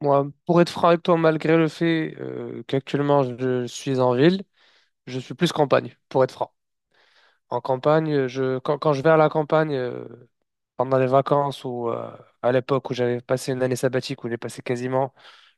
Moi, pour être franc avec toi, malgré le fait qu'actuellement je suis en ville, je suis plus campagne, pour être franc. En campagne, quand je vais à la campagne, pendant les vacances ou à l'époque où j'avais passé une année sabbatique, où j'ai passé quasiment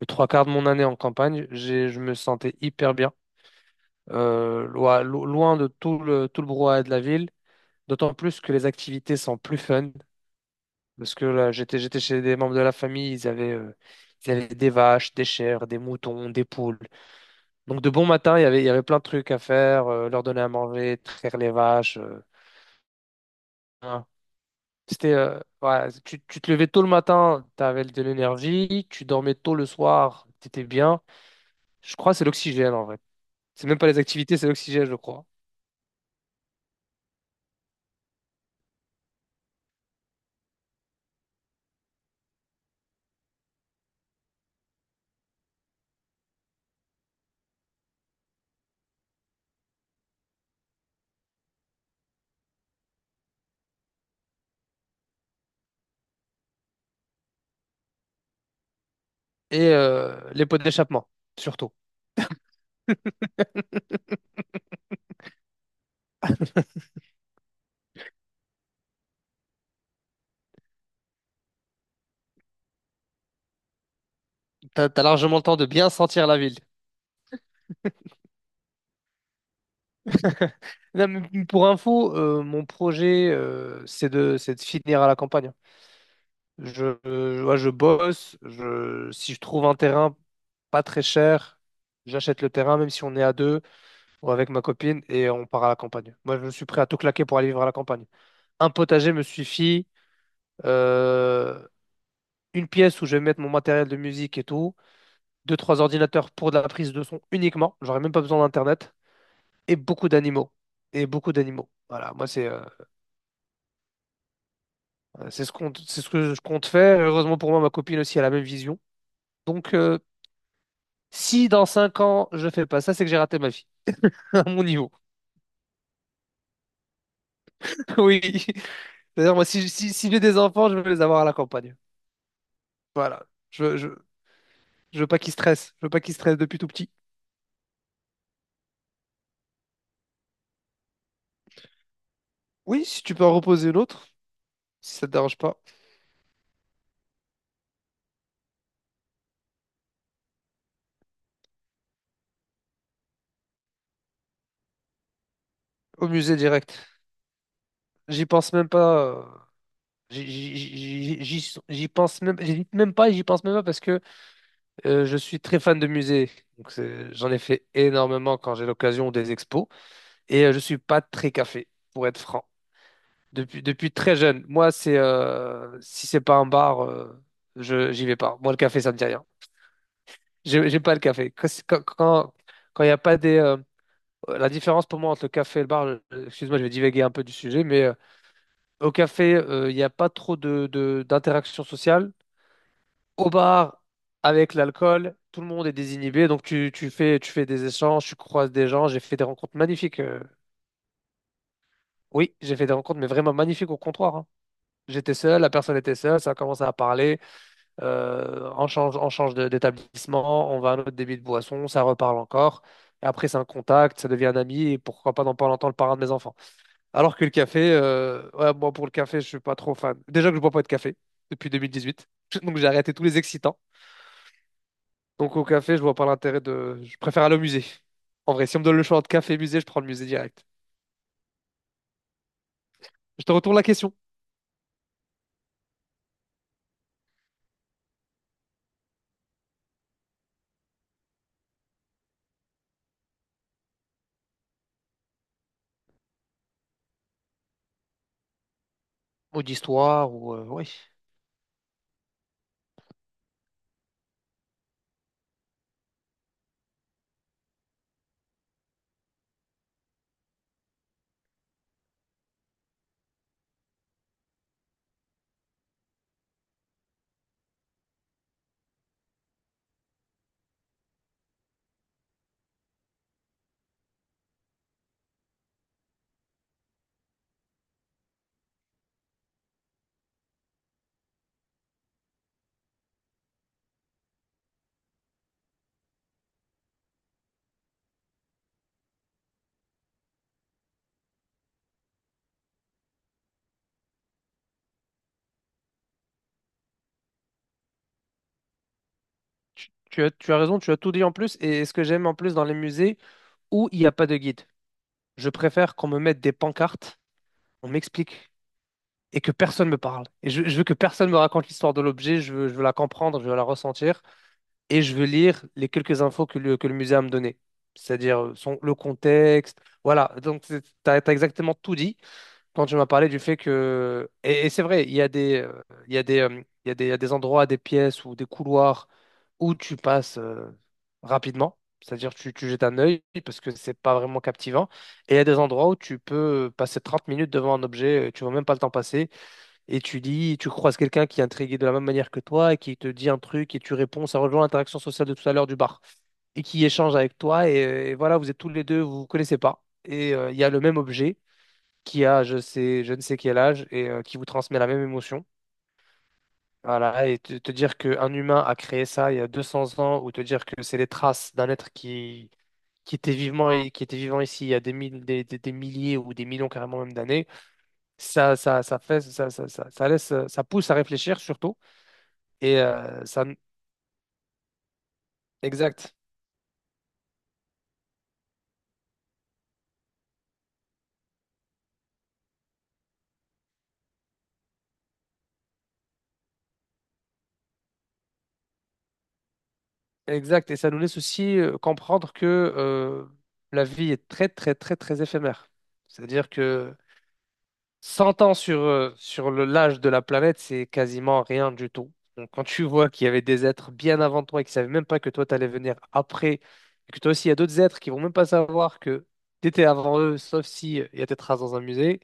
le trois quarts de mon année en campagne, je me sentais hyper bien, loin de tout le brouhaha de la ville, d'autant plus que les activités sont plus fun, parce que là, j'étais chez des membres de la famille, ils avaient des vaches, des chèvres, des moutons, des poules. Donc de bon matin, il y avait plein de trucs à faire, leur donner à manger, traire les vaches. Hein. C'était, ouais, tu te levais tôt le matin, tu avais de l'énergie, tu dormais tôt le soir, tu étais bien. Je crois que c'est l'oxygène en vrai. C'est même pas les activités, c'est l'oxygène, je crois. Et les pots d'échappement, surtout. T'as largement le temps de bien sentir la ville. Non, mais pour info, mon projet, c'est de finir à la campagne. Ouais, je bosse, si je trouve un terrain pas très cher, j'achète le terrain, même si on est à deux ou avec ma copine, et on part à la campagne. Moi, je suis prêt à tout claquer pour aller vivre à la campagne. Un potager me suffit, euh, une pièce où je vais mettre mon matériel de musique et tout, deux, trois ordinateurs pour de la prise de son uniquement. J'aurais même pas besoin d'Internet. Et beaucoup d'animaux. Et beaucoup d'animaux. Voilà, moi, c'est c'est ce que je compte faire. Heureusement pour moi, ma copine aussi a la même vision. Donc, si dans 5 ans, je fais pas ça, c'est que j'ai raté ma vie, à mon niveau. Oui. C'est-à-dire, moi, si j'ai des enfants, je veux les avoir à la campagne. Voilà. Je, veux- je, je veux pas qu'ils stressent. Je veux pas qu'ils stressent depuis tout petit. Oui, si tu peux en reposer une autre, si ça te dérange pas. Au musée direct. J'y pense même pas. J'y pense même, j'hésite même pas, et j'y pense même pas. Parce que Je suis très fan de musées, j'en ai fait énormément quand j'ai l'occasion ou des expos. Et je suis pas très café, pour être franc. Depuis très jeune, moi c'est si c'est pas un bar, je j'y vais pas. Moi le café ça me dit rien. J'ai pas le café. Quand il y a pas des la différence pour moi entre le café et le bar, excuse-moi, je vais divaguer un peu du sujet, mais au café il n'y a pas trop de d'interaction sociale. Au bar, avec l'alcool, tout le monde est désinhibé, donc tu fais des échanges, tu croises des gens, j'ai fait des rencontres magnifiques. Oui, j'ai fait des rencontres, mais vraiment magnifiques au comptoir. Hein. J'étais seul, la personne était seule, ça a commencé à parler, on change d'établissement, on va à un autre débit de boisson, ça reparle encore. Et après, c'est un contact, ça devient un ami, et pourquoi pas dans pas longtemps le parrain de mes enfants. Alors que le café, ouais, moi pour le café, je suis pas trop fan. Déjà que je bois pas de café depuis 2018, donc j'ai arrêté tous les excitants. Donc au café, je vois pas l'intérêt de... Je préfère aller au musée. En vrai, si on me donne le choix entre café et musée, je prends le musée direct. Je te retourne la question. Ou d'histoire, ou... ouais. Tu as raison, tu as tout dit en plus. Et ce que j'aime en plus dans les musées où il n'y a pas de guide, je préfère qu'on me mette des pancartes, on m'explique, et que personne me parle. Et je veux que personne me raconte l'histoire de l'objet, je veux la comprendre, je veux la ressentir. Et je veux lire les quelques infos que que le musée a me donné. C'est-à-dire le contexte. Voilà, donc tu as, exactement tout dit quand tu m'as parlé du fait que... Et c'est vrai, il y a des, il y a des, il y a des, il y a des endroits, des pièces ou des couloirs où tu passes rapidement. C'est-à-dire tu jettes un œil parce que c'est pas vraiment captivant. Et il y a des endroits où tu peux passer 30 minutes devant un objet, tu vois même pas le temps passer et tu dis, tu croises quelqu'un qui est intrigué de la même manière que toi et qui te dit un truc et tu réponds, ça rejoint l'interaction sociale de tout à l'heure du bar et qui échange avec toi et voilà, vous êtes tous les deux, vous vous connaissez pas et il y a le même objet qui a je sais, je ne sais quel âge et qui vous transmet la même émotion. Voilà, et te dire qu'un humain a créé ça il y a 200 ans ou te dire que c'est les traces d'un être qui était vivant et qui était vivant ici il y a des milliers ou des millions carrément même d'années, ça fait, ça laisse, ça pousse à réfléchir surtout. Et exact, exact. Et ça nous laisse aussi comprendre que euh, la vie est très, très, très, très éphémère. C'est-à-dire que 100 ans sur l'âge de la planète, c'est quasiment rien du tout. Donc, quand tu vois qu'il y avait des êtres bien avant toi et qui ne savaient même pas que toi, tu allais venir après, et que toi aussi, il y a d'autres êtres qui vont même pas savoir que tu étais avant eux, sauf si il y a tes traces dans un musée,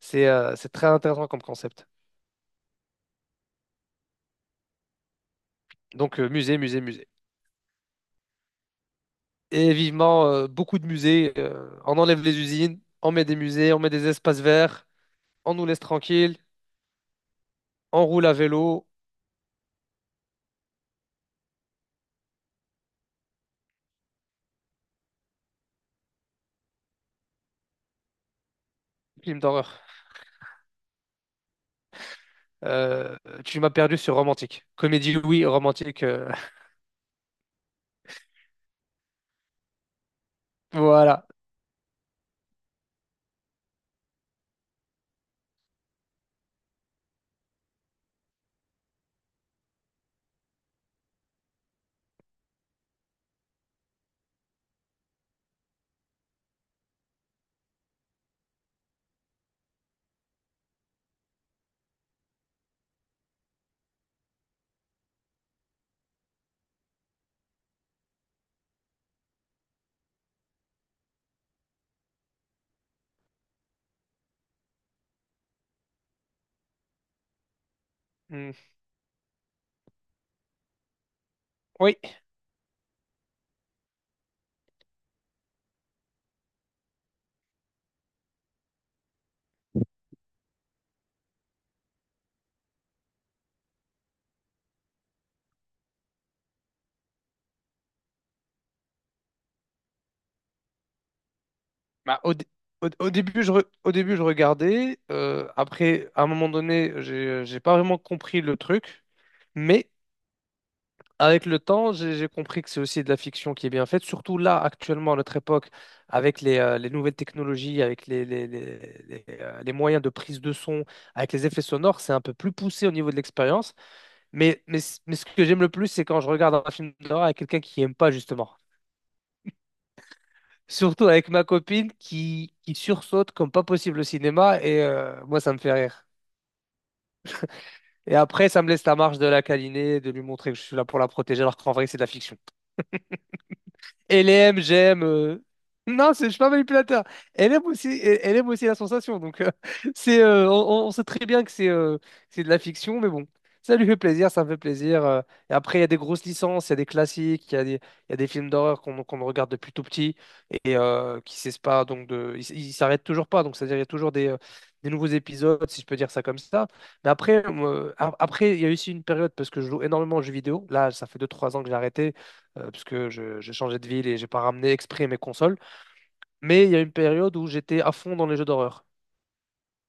c'est très intéressant comme concept. Donc, musée, musée, musée. Et vivement, beaucoup de musées. On enlève les usines, on met des musées, on met des espaces verts, on nous laisse tranquilles, on roule à vélo. Film d'horreur. Euh, Tu m'as perdu sur romantique. Comédie, oui, romantique. Voilà. Hmm. Oui. Bah, au, dé- au- au début, je re- au début, je regardais. Après, à un moment donné, j'ai pas vraiment compris le truc. Mais avec le temps, j'ai compris que c'est aussi de la fiction qui est bien faite, surtout là, actuellement, à notre époque, avec les nouvelles technologies, avec les moyens de prise de son, avec les effets sonores, c'est un peu plus poussé au niveau de l'expérience. Mais ce que j'aime le plus, c'est quand je regarde un film d'horreur avec quelqu'un qui n'aime pas, justement. Surtout avec ma copine qui sursaute comme pas possible au cinéma, et moi, ça me fait rire. Et après, ça me laisse la marge de la câliner, de lui montrer que je suis là pour la protéger, alors qu'en vrai, c'est de la fiction. LM, j'aime. Non, je suis pas manipulateur. Elle aime aussi, elle aime aussi la sensation. Donc, c'est, on sait très bien que c'est de la fiction, mais bon, ça lui fait plaisir, ça me fait plaisir. Et après, il y a des grosses licences, il y a des classiques, il y a des films d'horreur qu'on regarde depuis tout petit et qui cessent pas. Donc, ils s'arrêtent toujours pas. Donc, c'est-à-dire, il y a toujours des nouveaux épisodes, si je peux dire ça comme ça. Mais après, moi, après, il y a eu aussi une période parce que je joue énormément aux jeux vidéo. Là, ça fait deux trois ans que j'ai arrêté puisque j'ai changé de ville et j'ai pas ramené exprès mes consoles. Mais il y a une période où j'étais à fond dans les jeux d'horreur,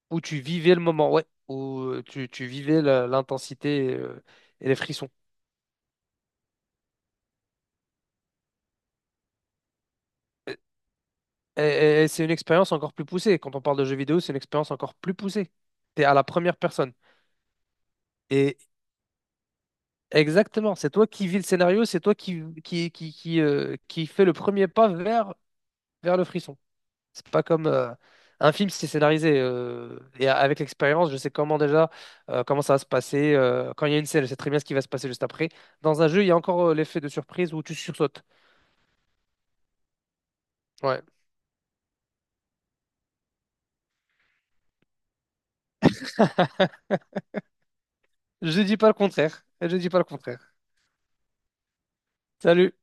où tu vivais le moment, ouais, où tu vivais l'intensité et les frissons. Et c'est une expérience encore plus poussée. Quand on parle de jeux vidéo, c'est une expérience encore plus poussée. T'es à la première personne. Et exactement, c'est toi qui vis le scénario, c'est toi qui fait le premier pas vers, vers le frisson. C'est pas comme un film, si c'est scénarisé. Avec l'expérience, je sais comment déjà, comment ça va se passer. Quand il y a une scène, je sais très bien ce qui va se passer juste après. Dans un jeu, il y a encore l'effet de surprise où tu sursautes. Ouais. Je dis pas le contraire. Je dis pas le contraire. Salut.